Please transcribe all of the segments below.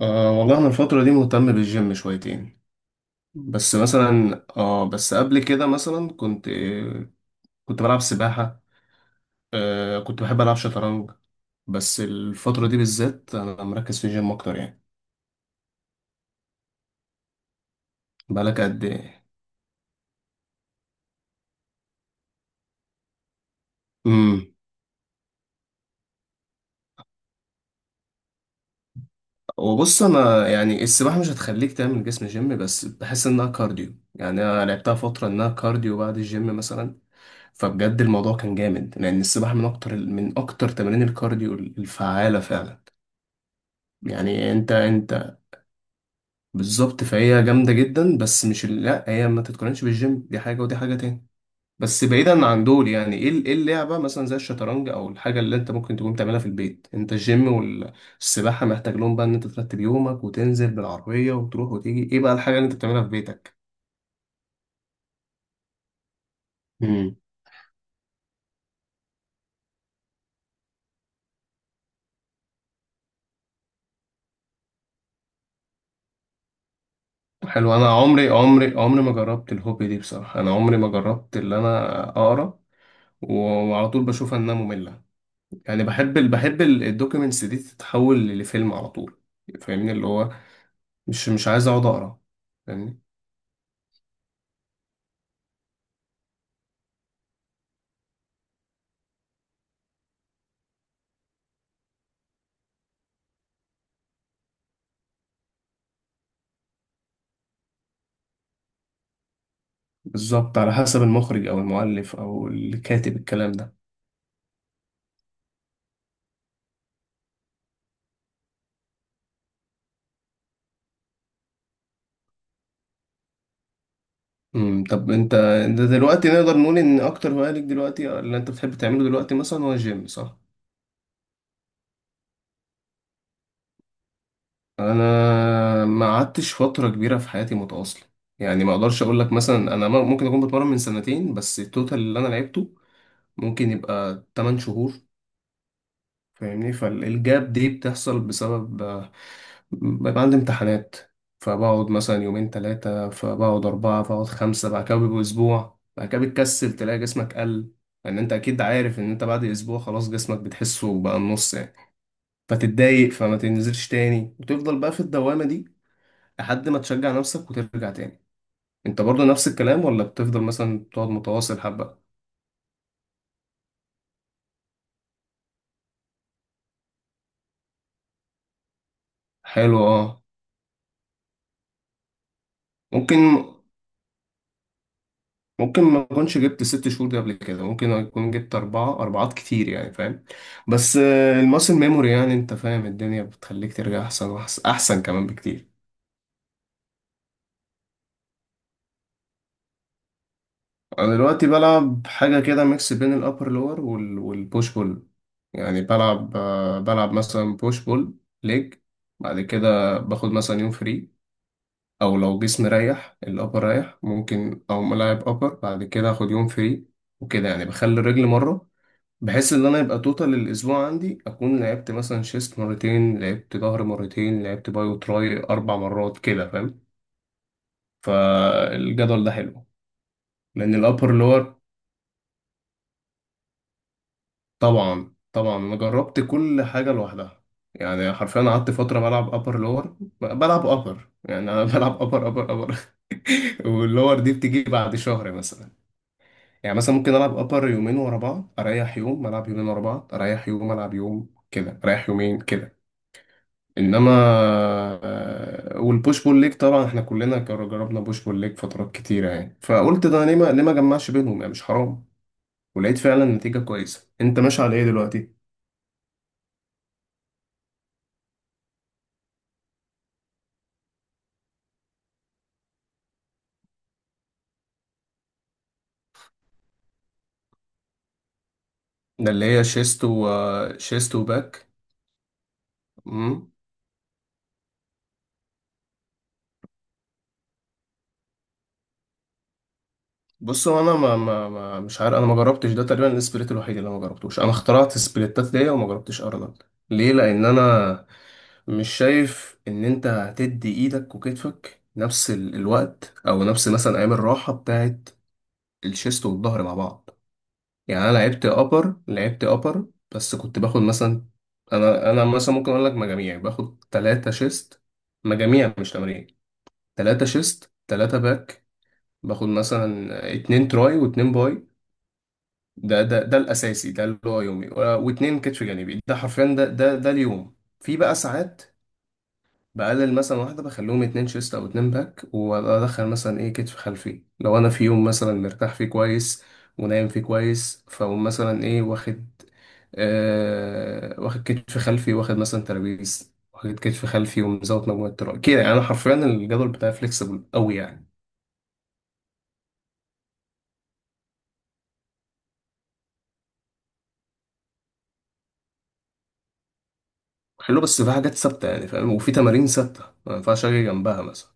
أه والله أنا الفترة دي مهتم بالجيم شويتين. بس مثلا بس قبل كده مثلا كنت بلعب سباحة. كنت بحب ألعب شطرنج. بس الفترة دي بالذات أنا مركز في الجيم أكتر يعني. بقالك قد إيه؟ أمم. وبص، أنا يعني السباحة مش هتخليك تعمل جسم جيم، بس بحس إنها كارديو، يعني أنا لعبتها فترة إنها كارديو بعد الجيم مثلا. فبجد الموضوع كان جامد لأن السباحة من أكتر من أكتر تمارين الكارديو الفعالة فعلا. يعني انت بالظبط، فهي جامدة جدا، بس مش لا هي ما تتقارنش بالجيم، دي حاجة ودي حاجة تاني. بس بعيدا عن دول، يعني ايه ايه اللعبة مثلا زي الشطرنج او الحاجة اللي انت ممكن تكون بتعملها في البيت؟ انت الجيم والسباحة محتاج لهم بقى ان انت ترتب يومك وتنزل بالعربية وتروح وتيجي، ايه بقى الحاجة اللي انت بتعملها في بيتك؟ مم. حلو، انا عمري ما جربت الهوبي دي بصراحه، انا عمري ما جربت اللي انا اقرا و- وعلى طول بشوفها انها ممله. يعني بحب بحب الدوكيومنتس دي تتحول لفيلم على طول، فاهمني اللي هو مش عايز اقعد اقرا يعني. بالظبط، على حسب المخرج او المؤلف او الكاتب، الكلام ده. طب، انت دلوقتي نقدر نقول ان اكتر هوايه ليك دلوقتي اللي انت بتحب تعمله دلوقتي مثلا هو الجيم، صح؟ انا ما قعدتش فتره كبيره في حياتي متواصله، يعني ما اقدرش اقول لك مثلا انا ممكن اكون بتمرن من سنتين، بس التوتال اللي انا لعبته ممكن يبقى 8 شهور. فاهمني، فالجاب دي بتحصل بسبب بيبقى عندي امتحانات، فبقعد مثلا يومين تلاتة، فبقعد أربعة، فبقعد خمسة، بعد كده بيبقوا أسبوع، بعد كده بتكسل تلاقي جسمك قل. لأن أنت أكيد عارف إن أنت بعد أسبوع خلاص جسمك بتحسه بقى النص يعني، فتتضايق فما تنزلش تاني وتفضل بقى في الدوامة دي لحد ما تشجع نفسك وترجع تاني. أنت برضه نفس الكلام، ولا بتفضل مثلا تقعد متواصل حبة؟ حلو أه. ممكن ممكن ما اكونش جبت ست شهور دي قبل كده، ممكن اكون جبت اربعة اربعات كتير يعني، فاهم. بس الماسل ميموري، يعني انت فاهم الدنيا بتخليك ترجع احسن احسن كمان بكتير. انا دلوقتي بلعب حاجة كده ميكس بين الابر لور والبوش بول. يعني بلعب، بلعب مثلا بوش بول ليج، بعد كده باخد مثلا يوم فري، او لو جسمي رايح الابر رايح ممكن، او ملاعب ابر بعد كده اخد يوم فري وكده، يعني بخلي الرجل مرة، بحيث ان انا يبقى توتال الاسبوع عندي اكون لعبت مثلا شيست مرتين، لعبت ظهر مرتين، لعبت باي وتراي اربع مرات كده فاهم. فالجدول ده حلو لان الابر لور. طبعا طبعا انا جربت كل حاجه لوحدها، يعني حرفيا قعدت فتره بلعب ابر لور بلعب ابر، يعني انا بلعب ابر. واللور دي بتيجي بعد شهر مثلا. يعني مثلا ممكن العب ابر يومين ورا بعض اريح يوم، العب يومين ورا بعض اريح يوم، العب يوم كده اريح يومين كده، انما والبوش بول ليج طبعا احنا كلنا جربنا بوش بول ليج فترات كتيره يعني، فقلت ده ليه ما ليه ما جمعش بينهم يعني، مش حرام. ولقيت فعلا نتيجه كويسه. انت ماشي على ايه دلوقتي؟ ده اللي هي شيست وباك. امم. بص، هو انا ما... ما... ما مش عارف، انا ما جربتش ده، تقريبا السبليت الوحيد اللي أنا ما جربتوش. انا اخترعت السبليتات دي وما جربتش ارنولد ليه، لان انا مش شايف ان انت هتدي ايدك وكتفك نفس الوقت او نفس مثلا ايام الراحه بتاعت الشيست والظهر مع بعض. يعني انا لعبت ابر لعبت ابر، بس كنت باخد مثلا، انا مثلا ممكن اقول لك مجاميع، باخد ثلاثة شيست، مجاميع مش تمارين، ثلاثة شيست ثلاثة باك، باخد مثلا اتنين تراي واتنين باي، ده ده الاساسي، ده اللي هو يومي، واتنين كتف جانبي، ده حرفيا، ده ده اليوم في بقى ساعات. بقلل مثلا واحدة، بخليهم اتنين شيست أو اتنين باك وأدخل مثلا إيه كتف خلفي لو أنا في يوم مثلا مرتاح فيه كويس ونايم فيه كويس، فأقوم مثلا إيه واخد، آه واخد كتف خلفي، واخد مثلا ترابيز، واخد كتف خلفي، ومزود مجموعة تراي كده، يعني أنا حرفيا الجدول بتاعي فليكسبل أوي يعني. حلو، بس في حاجات ثابتة يعني، فاهم، وفي تمارين ثابتة ما ينفعش أجي جنبها مثلا.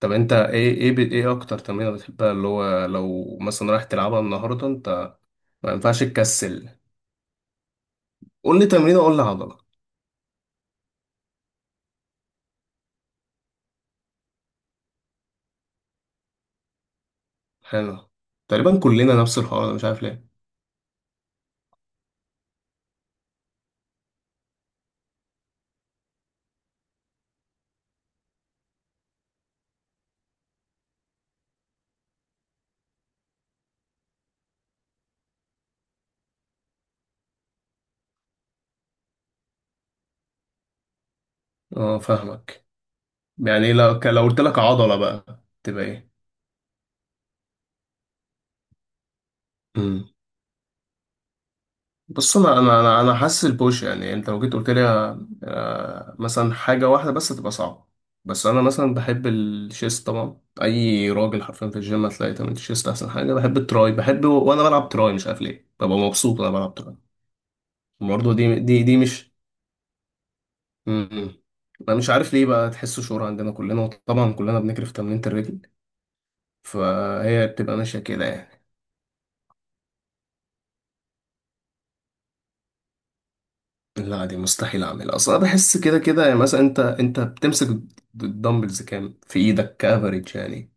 طب أنت إيه، إيه إيه أكتر تمرينة بتحبها، اللي هو لو مثلا رايح تلعبها النهاردة أنت؟ ما ينفعش تكسل، قول لي تمرين، اقول لي عضله. حلو، تقريبا كلنا نفس الحوار ده، مش عارف ليه. اه فاهمك. يعني لو لو قلت لك عضله بقى تبقى ايه؟ امم. بص، انا حاسس البوش، يعني انت لو جيت قلت لي مثلا حاجه واحده بس تبقى صعبه، بس انا مثلا بحب الشيست. طبعا اي راجل حرفيا في الجيم هتلاقي تمرين الشيست احسن حاجه. بحب التراي، بحب وانا بلعب تراي مش عارف ليه ببقى مبسوط وانا بلعب تراي. برضه دي مش. امم، انا مش عارف ليه بقى، تحسه شعور عندنا كلنا، وطبعا كلنا بنجري في تمرينة الرجل، فهي بتبقى ماشيه كده يعني. لا دي مستحيل اعملها اصلا، بحس كده كده يعني، مثلا انت بتمسك الدمبلز كام في ايدك كافريج يعني؟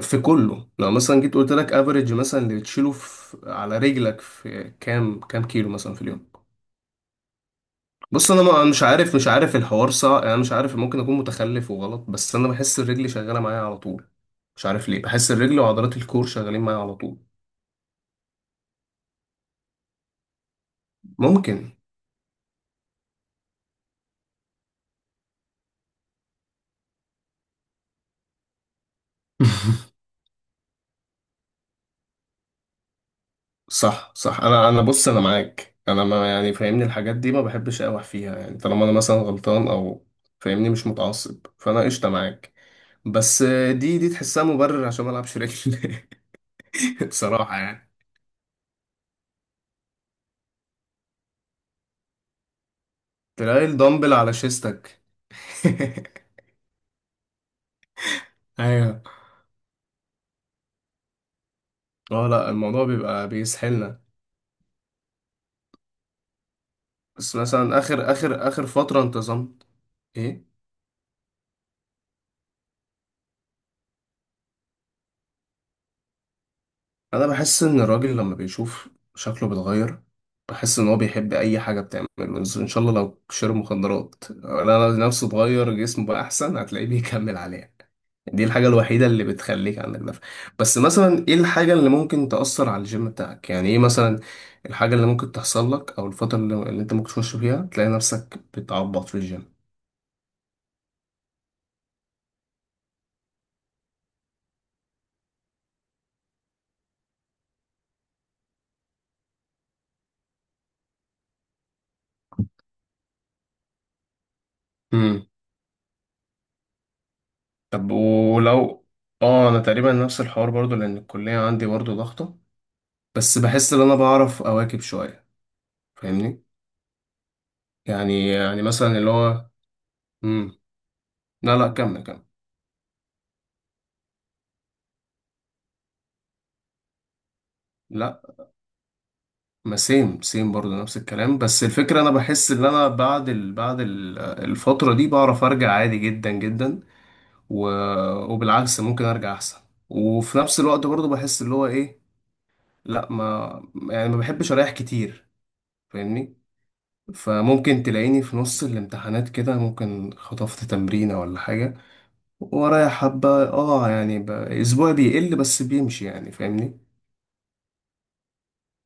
في كله، لو مثلا جيت قلت لك افريج مثلا اللي بتشيله في على رجلك في كام كيلو مثلا في اليوم؟ بص، انا مش عارف، مش عارف الحوار صح، انا مش عارف ممكن اكون متخلف وغلط، بس انا بحس الرجل شغاله معايا على طول، مش عارف ليه بحس الرجل وعضلات الكور شغالين معايا على طول. ممكن. صح صح، انا بص، انا معاك، انا ما يعني فاهمني الحاجات دي ما بحبش اقوح فيها، يعني طالما انا مثلا غلطان او فاهمني مش متعصب فانا قشطه معاك. بس دي تحسها مبرر عشان ما العبش رجل. بصراحه يعني تلاقي الدمبل على شيستك. ايوه. اه لا، الموضوع بيبقى بيسحلنا. بس مثلا آخر آخر آخر فترة انتظمت. إيه؟ أنا بحس إن الراجل لما بيشوف شكله بيتغير، بحس إن هو بيحب أي حاجة بتعمله، بس إن شاء الله لو شرب مخدرات أنا نفسه اتغير جسمه بقى أحسن هتلاقيه بيكمل عليها. دي الحاجة الوحيدة اللي بتخليك عندك دفع. بس مثلا إيه الحاجة اللي ممكن تأثر على الجيم بتاعك؟ يعني إيه مثلا الحاجة اللي ممكن تحصل لك، أو الفترة اللي أنت ممكن تخش فيها تلاقي نفسك بتعبط في الجيم؟ طب ولو، اه انا تقريبا نفس الحوار برضو لان الكلية عندي برضو ضغطة، بس بحس ان انا بعرف اواكب شوية فاهمني. يعني مثلا اللي هو، امم. لا لا، كمل كمل. لا ما، سيم سيم برضو نفس الكلام، بس الفكرة انا بحس ان انا الفترة دي بعرف ارجع عادي جدا جدا، و... وبالعكس ممكن ارجع احسن، وفي نفس الوقت برضو بحس اللي هو ايه، لا ما، يعني ما بحبش اريح كتير فاهمني، فممكن تلاقيني في نص الامتحانات كده ممكن خطفت تمرينة ولا حاجة، ورايا حبة اه يعني اسبوعي بيقل بس بيمشي يعني فاهمني